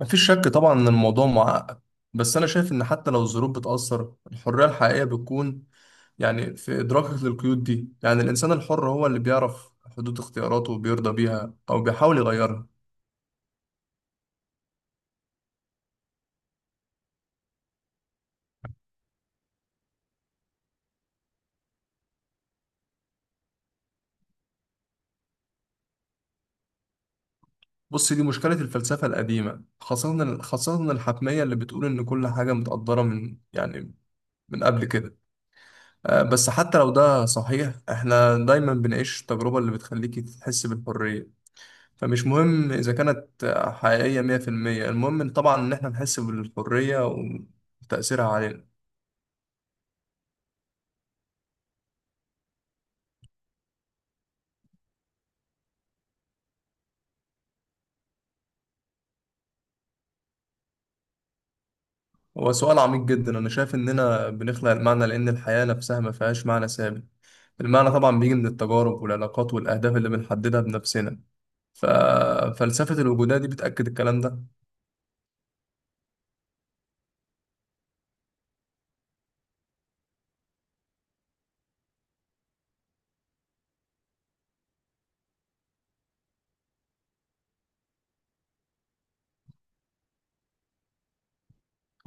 مفيش شك طبعا ان الموضوع معقد. بس انا شايف ان حتى لو الظروف بتأثر الحرية الحقيقية بتكون يعني في ادراكك للقيود دي. يعني الانسان الحر هو اللي بيعرف حدود اختياراته وبيرضى بيها او بيحاول يغيرها. بص، دي مشكلة الفلسفة القديمة، خاصة الحتمية اللي بتقول ان كل حاجة متقدرة من قبل كده. بس حتى لو ده صحيح، احنا دايما بنعيش التجربة اللي بتخليك تحس بالحرية. فمش مهم إذا كانت حقيقية 100%، المهم إن طبعا إن إحنا نحس بالحرية وتأثيرها علينا. هو سؤال عميق جدا. أنا شايف إننا بنخلق المعنى لأن الحياة نفسها ما فيهاش معنى ثابت. المعنى طبعا بيجي من التجارب والعلاقات والأهداف اللي بنحددها بنفسنا. ففلسفة الوجودية دي بتأكد الكلام ده.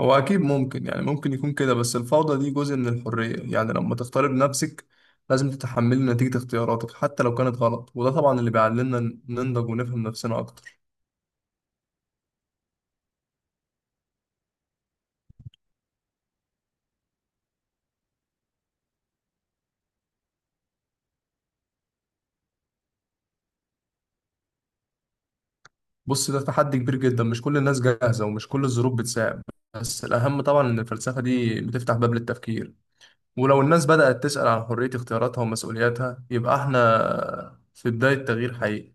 هو أكيد ممكن، يعني ممكن يكون كده، بس الفوضى دي جزء من الحرية. يعني لما تختار بنفسك لازم تتحملي نتيجة اختياراتك حتى لو كانت غلط، وده طبعا اللي بيعلمنا ننضج ونفهم نفسنا أكتر. بص، ده تحدي كبير جدا. مش كل الناس جاهزة ومش كل الظروف بتساعد. بس الأهم طبعا إن الفلسفة دي بتفتح باب للتفكير، ولو الناس بدأت تسأل عن حرية اختياراتها ومسؤولياتها يبقى احنا في بداية تغيير حقيقي.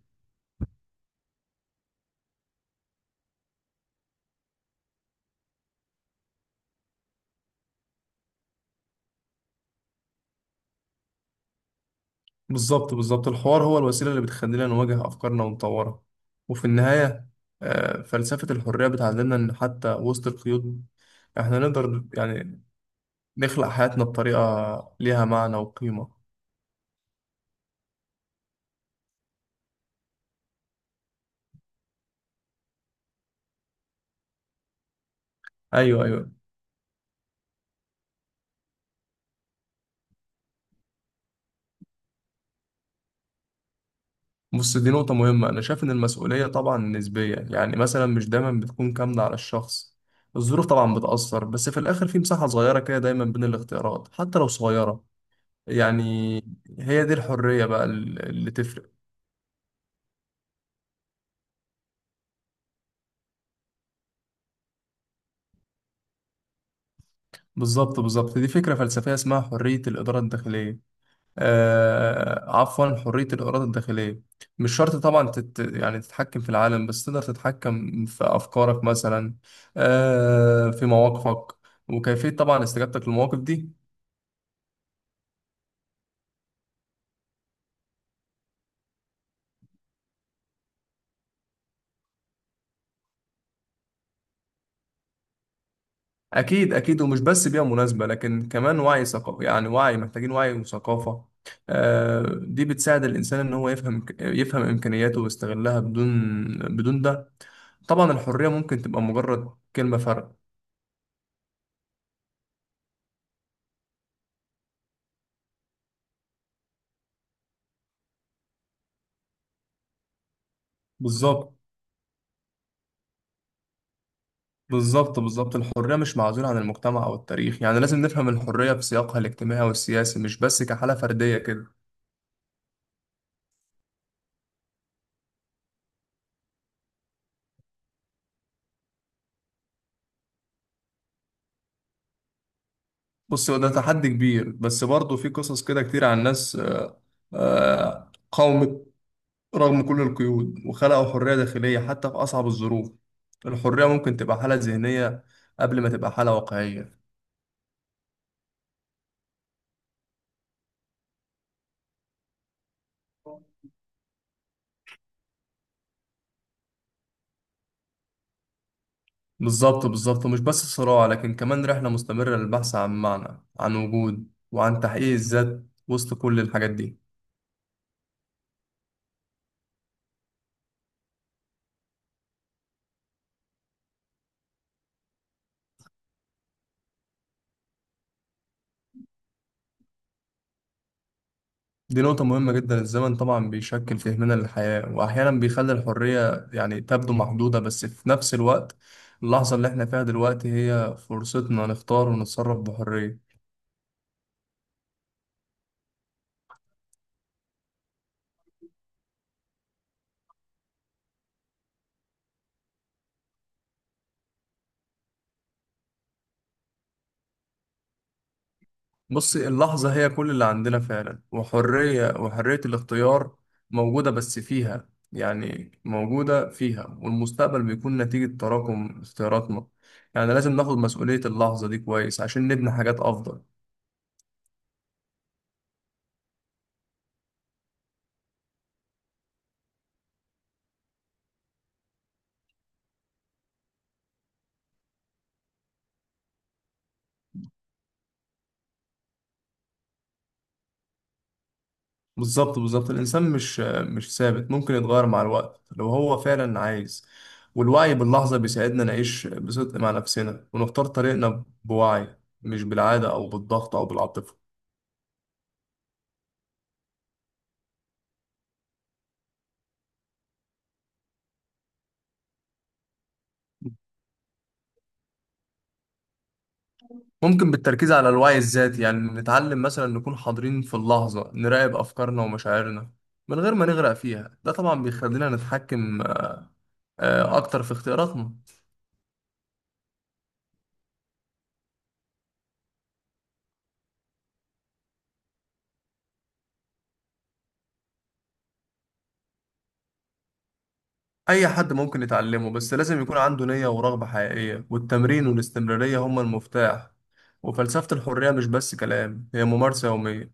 بالظبط بالظبط، الحوار هو الوسيلة اللي بتخلينا نواجه أفكارنا ونطورها. وفي النهاية، فلسفة الحرية بتعلمنا إن حتى وسط القيود احنا نقدر يعني نخلق حياتنا بطريقة ليها معنى وقيمة. أيوه أيوه. بص، دي نقطة مهمة. أنا شايف إن المسؤولية طبعا نسبية. يعني مثلا مش دايما بتكون كاملة على الشخص. الظروف طبعا بتأثر، بس في الآخر في مساحة صغيرة كده دايما بين الاختيارات حتى لو صغيرة. يعني هي دي الحرية بقى اللي تفرق. بالظبط بالظبط، دي فكرة فلسفية اسمها حرية الإدارة الداخلية. عفوا، حرية الإرادة الداخلية. مش شرط طبعا يعني تتحكم في العالم، بس تقدر تتحكم في أفكارك مثلا، في مواقفك وكيفية طبعا استجابتك للمواقف دي. أكيد أكيد، ومش بس بيئة مناسبة لكن كمان وعي ثقافي. يعني وعي، محتاجين وعي وثقافة. دي بتساعد الإنسان إن هو يفهم إمكانياته ويستغلها بدون ده طبعا الحرية ممكن تبقى مجرد كلمة فرق. بالظبط بالظبط بالظبط، الحرية مش معزولة عن المجتمع أو التاريخ. يعني لازم نفهم الحرية في سياقها الاجتماعي والسياسي، مش بس كحالة فردية كده. بص، هو ده تحدي كبير، بس برضه في قصص كده كتير عن ناس قاومت رغم كل القيود وخلقوا حرية داخلية حتى في أصعب الظروف. الحرية ممكن تبقى حالة ذهنية قبل ما تبقى حالة واقعية. بالظبط بالظبط، ومش بس صراع لكن كمان رحلة مستمرة للبحث عن معنى، عن وجود، وعن تحقيق الذات وسط كل الحاجات دي. دي نقطة مهمة جدا. الزمن طبعا بيشكل فهمنا للحياة وأحيانا بيخلي الحرية يعني تبدو محدودة، بس في نفس الوقت اللحظة اللي احنا فيها دلوقتي هي فرصتنا نختار ونتصرف بحرية. بص، اللحظة هي كل اللي عندنا فعلا، وحرية الاختيار موجودة. بس فيها يعني موجودة فيها، والمستقبل بيكون نتيجة تراكم اختياراتنا. يعني لازم ناخد مسؤولية اللحظة دي كويس عشان نبني حاجات أفضل. بالظبط بالظبط، الإنسان مش ثابت، ممكن يتغير مع الوقت لو هو فعلا عايز. والوعي باللحظة بيساعدنا نعيش بصدق مع نفسنا ونختار طريقنا بوعي، مش بالعادة أو بالضغط أو بالعاطفة. ممكن بالتركيز على الوعي الذاتي. يعني نتعلم مثلا نكون حاضرين في اللحظة، نراقب أفكارنا ومشاعرنا من غير ما نغرق فيها. ده طبعا بيخلينا نتحكم أكتر في اختياراتنا. أي حد ممكن يتعلمه، بس لازم يكون عنده نية ورغبة حقيقية. والتمرين والاستمرارية هما المفتاح. وفلسفة الحرية مش بس كلام، هي ممارسة يومية.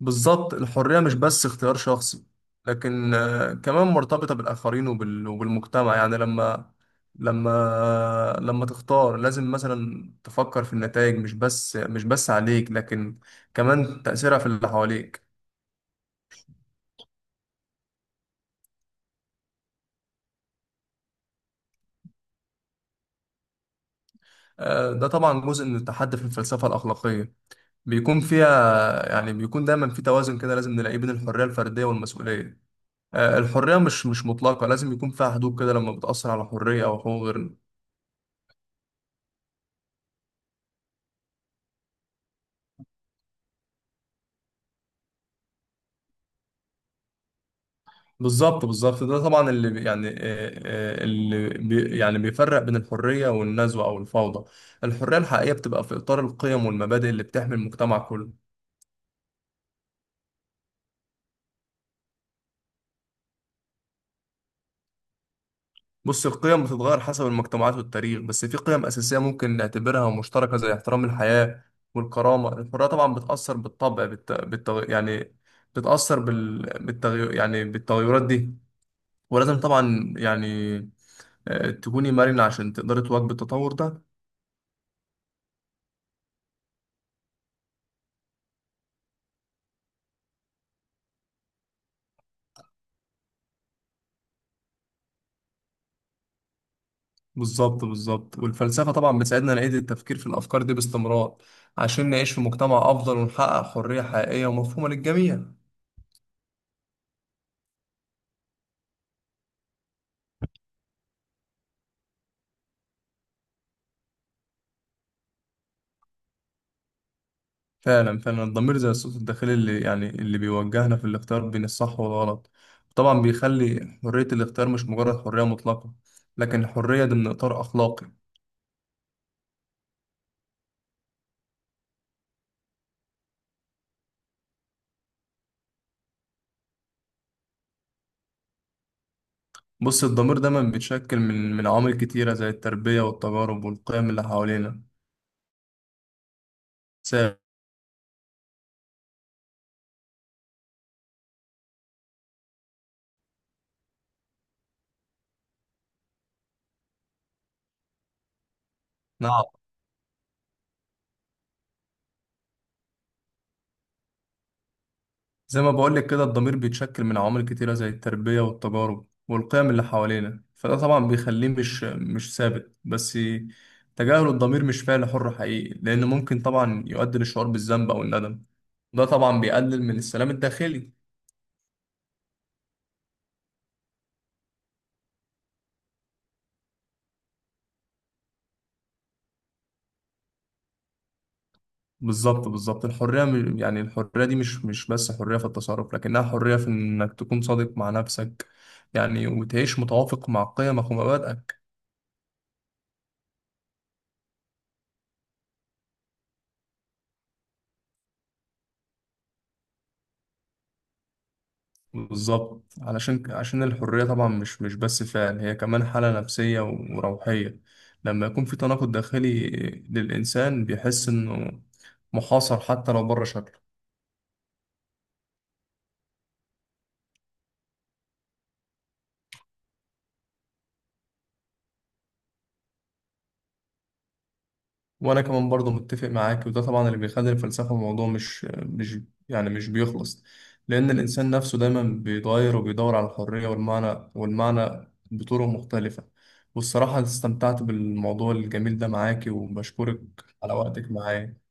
بالظبط، الحرية مش بس اختيار شخصي، لكن كمان مرتبطة بالآخرين وبالمجتمع. يعني لما تختار لازم مثلا تفكر في النتائج، مش بس عليك لكن كمان تأثيرها في اللي حواليك. ده طبعا جزء من التحدي في الفلسفة الأخلاقية. بيكون فيها، يعني بيكون دايما في توازن كده لازم نلاقيه بين الحرية الفردية والمسؤولية. الحرية مش مطلقة، لازم يكون فيها حدود كده لما بتأثر على حرية أو حقوق غيرنا. بالظبط بالظبط، ده طبعا اللي بي- يعني آه، آه، اللي بي يعني بيفرق بين الحرية والنزوة أو الفوضى. الحرية الحقيقية بتبقى في إطار القيم والمبادئ اللي بتحمي المجتمع كله. بص، القيم بتتغير حسب المجتمعات والتاريخ، بس في قيم أساسية ممكن نعتبرها مشتركة زي احترام الحياة والكرامة. الحرية طبعا بتأثر بالطبع بالت... بالتغ... يعني بتأثر بال... بالتغي... يعني بالتغيرات دي. ولازم طبعا يعني تكوني مرنة عشان تقدري تواكبي التطور ده. بالظبط بالظبط، والفلسفة طبعا بتساعدنا نعيد التفكير في الأفكار دي باستمرار عشان نعيش في مجتمع أفضل ونحقق حرية حقيقية ومفهومة للجميع. فعلا فعلا، الضمير زي الصوت الداخلي اللي بيوجهنا في الاختيار بين الصح والغلط. طبعا بيخلي حرية الاختيار مش مجرد حرية مطلقة، لكن حرية ضمن إطار أخلاقي. بص، الضمير دايما بيتشكل من عوامل كتيرة زي التربية والتجارب والقيم اللي حوالينا. سامع؟ زي ما بقولك كده، الضمير بيتشكل من عوامل كتيرة زي التربية والتجارب والقيم اللي حوالينا، فده طبعا بيخليه مش ثابت. بس تجاهل الضمير مش فعل حر حقيقي، لأن ممكن طبعا يؤدي للشعور بالذنب أو الندم. ده طبعا بيقلل من السلام الداخلي. بالظبط بالظبط، الحرية الحرية دي مش بس حرية في التصرف، لكنها حرية في إنك تكون صادق مع نفسك. يعني وتعيش متوافق مع قيمك ومبادئك. بالظبط، علشان عشان الحرية طبعا مش بس فعل، هي كمان حالة نفسية وروحية. لما يكون في تناقض داخلي للإنسان بيحس إنه محاصر حتى لو بره شكله. وأنا كمان برضه متفق معاك. وده طبعا اللي بيخلي الفلسفة موضوع مش بيخلص. لأن الإنسان نفسه دايما بيتغير وبيدور على الحرية والمعنى بطرق مختلفة. والصراحة استمتعت بالموضوع الجميل ده معاكي، وبشكرك على وقتك معايا.